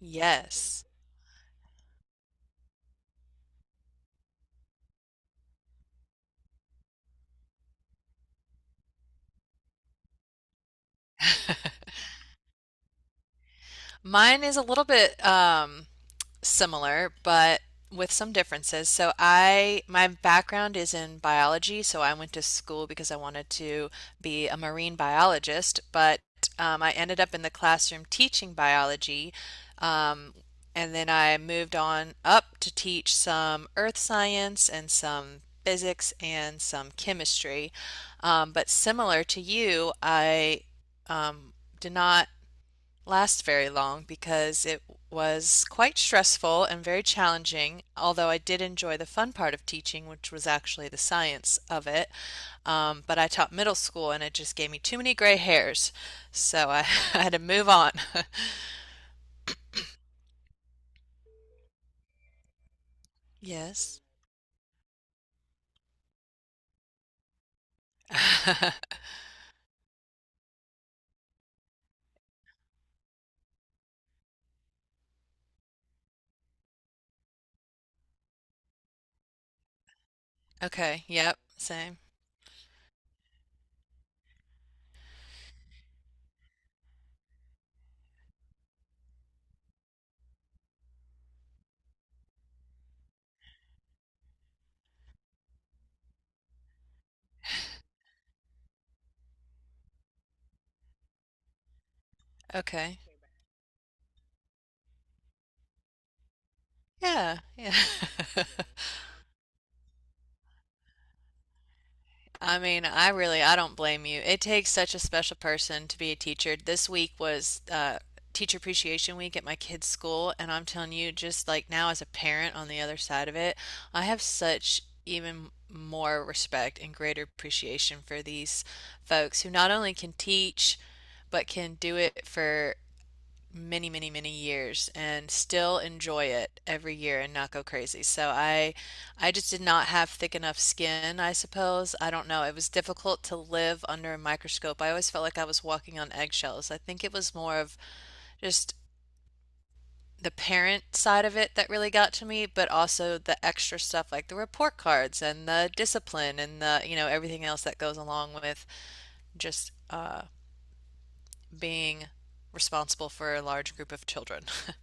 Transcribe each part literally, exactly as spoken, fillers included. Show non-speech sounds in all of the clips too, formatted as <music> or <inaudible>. Yes. Mine is a little bit um, similar, but with some differences. So I my background is in biology, so I went to school because I wanted to be a marine biologist, but um, I ended up in the classroom teaching biology. Um, and then I moved on up to teach some earth science and some physics and some chemistry. Um, but similar to you, I um, did not last very long because it was quite stressful and very challenging, although I did enjoy the fun part of teaching, which was actually the science of it. Um, but I taught middle school and it just gave me too many gray hairs, so I, <laughs> I had to move on. <laughs> Yes. Okay. Yep. Same. Okay. Yeah. Yeah. <laughs> I mean, I really, I don't blame you. It takes such a special person to be a teacher. This week was uh, Teacher Appreciation Week at my kids' school, and I'm telling you, just like now as a parent on the other side of it, I have such even more respect and greater appreciation for these folks who not only can teach, but can do it for many, many, many years and still enjoy it every year and not go crazy. So I I just did not have thick enough skin, I suppose. I don't know. It was difficult to live under a microscope. I always felt like I was walking on eggshells. I think it was more of just the parent side of it that really got to me, but also the extra stuff like the report cards and the discipline and the, you know, everything else that goes along with just uh, being responsible for a large group of children. <laughs>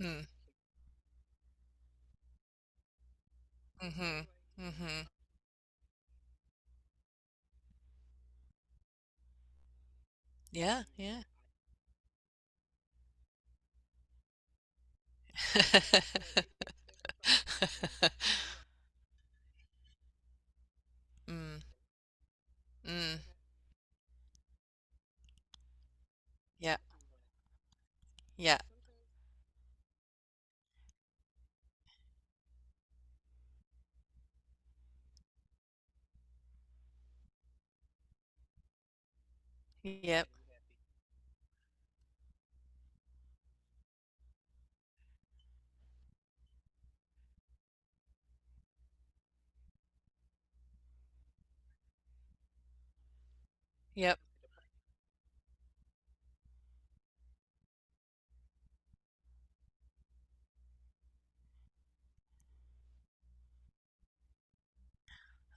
Hmm. Mm-hmm. Mm-hmm. Yeah, yeah. <laughs> Mm, mm. Yeah, yeah, yep, yep.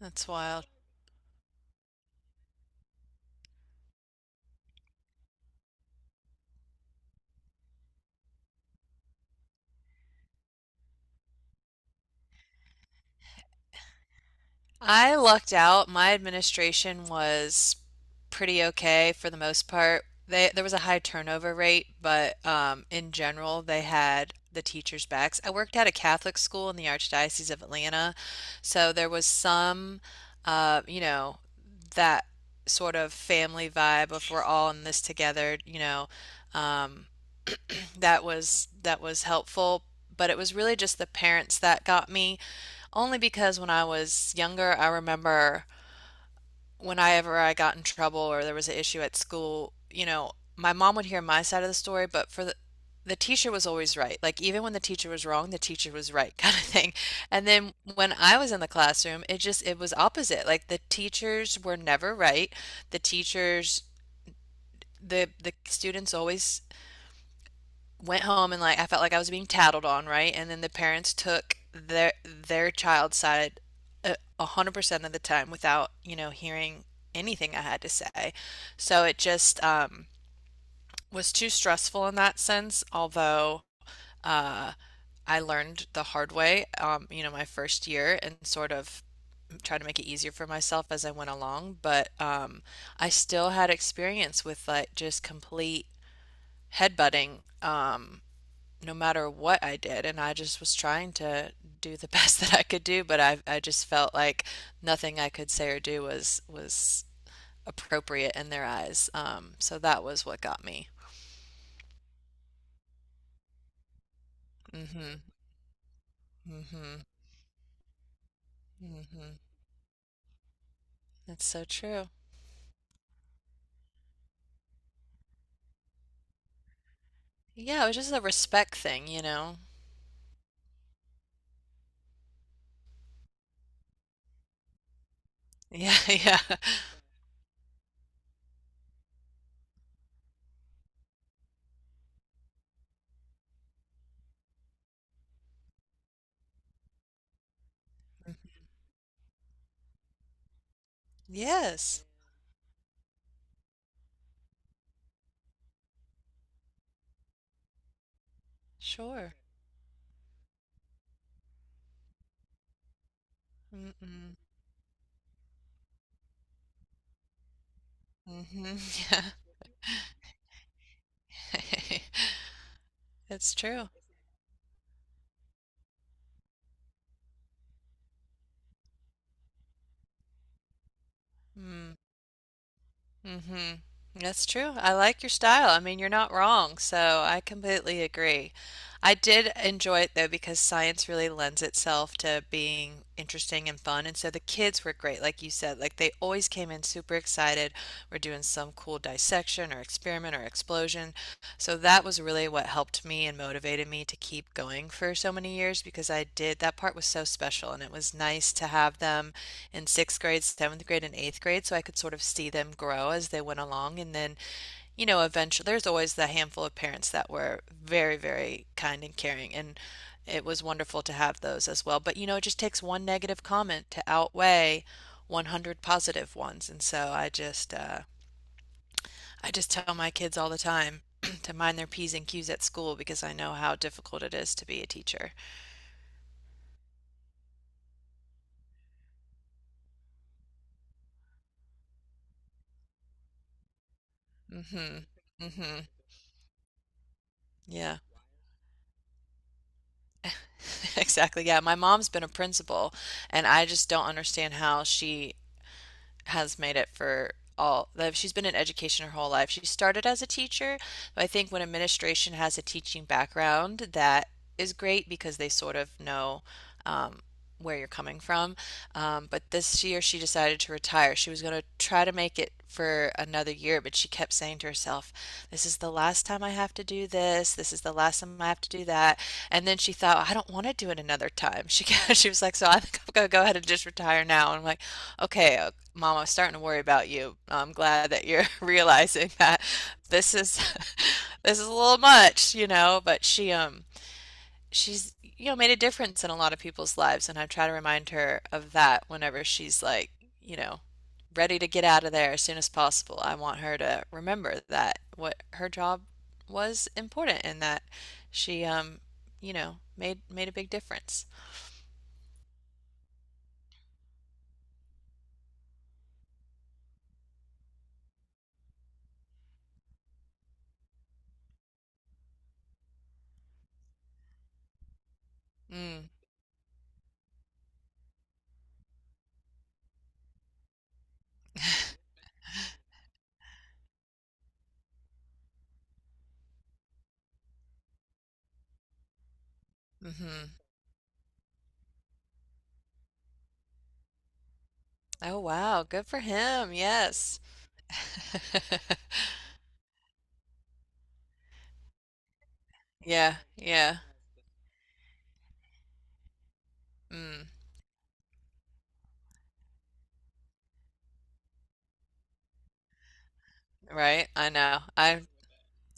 That's wild. I lucked out. My administration was pretty okay for the most part. They There was a high turnover rate, but um, in general, they had the teachers' backs. I worked at a Catholic school in the Archdiocese of Atlanta, so there was some, uh, you know, that sort of family vibe of we're all in this together. You know, um, that was that was helpful, but it was really just the parents that got me. Only because when I was younger, I remember whenever I got in trouble or there was an issue at school, you know, my mom would hear my side of the story, but for the the teacher was always right. Like even when the teacher was wrong, the teacher was right <laughs> kind of thing. And then when I was in the classroom, it just it was opposite. Like the teachers were never right. The teachers the the students always went home and like I felt like I was being tattled on, right? And then the parents took their their child's side a a hundred percent of the time without, you know, hearing anything I had to say. So it just um, was too stressful in that sense, although I learned the hard way, um, you know, my first year and sort of tried to make it easier for myself as I went along. But um, I still had experience with like just complete headbutting. Um, no matter what I did, and I just was trying to do the <laughs> best that I could do, but I I just felt like nothing I could say or do was was appropriate in their eyes. Um, so that was what got me. Mm-hmm. Mm-hmm. Mm-hmm. That's so true. Yeah, it was just a respect thing, you know. Yeah, <laughs> yeah. Mhm. Yes, sure. Mm-mm. Mm-hmm. <laughs> Yeah. <laughs> It's true. Mm. Mm-hmm. That's true. I like your style. I mean, you're not wrong, so I completely agree. I did enjoy it though because science really lends itself to being interesting and fun, and so the kids were great, like you said. Like they always came in super excited. We're doing some cool dissection or experiment or explosion, so that was really what helped me and motivated me to keep going for so many years because I did that part was so special and it was nice to have them in sixth grade, seventh grade, and eighth grade so I could sort of see them grow as they went along. And then, you know, eventually there's always the handful of parents that were very, very kind and caring. And it was wonderful to have those as well. But, you know, it just takes one negative comment to outweigh one hundred positive ones. And so I just, uh, I just tell my kids all the time <clears throat> to mind their P's and Q's at school because I know how difficult it is to be a teacher. Mhm. Mhm. Yeah. <laughs> Exactly. Yeah. My mom's been a principal, and I just don't understand how she has made it for all. like, She's been in education her whole life. She started as a teacher, but I think when administration has a teaching background, that is great because they sort of know um, where you're coming from. Um, but this year she decided to retire. She was going to try to make it for another year, but she kept saying to herself, this is the last time I have to do this. This is the last time I have to do that. And then she thought, I don't want to do it another time. She, <laughs> she was like, so I think I'm going to go ahead and just retire now. And I'm like, okay, Mom, I was starting to worry about you. I'm glad that you're <laughs> realizing that this is <laughs> this is a little much, you know, but she um she's you know made a difference in a lot of people's lives and I try to remind her of that whenever she's like, you know, ready to get out of there as soon as possible. I want her to remember that what her job was important and that she um you know made made a big difference. Mm, mm-hmm. Oh wow, good for him. Yes. <laughs> Yeah, yeah. Mm, right. I know. I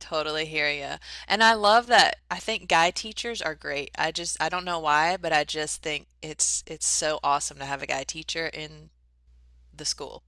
totally hear you. And I love that. I think guy teachers are great. I just I don't know why, but I just think it's it's so awesome to have a guy teacher in the school.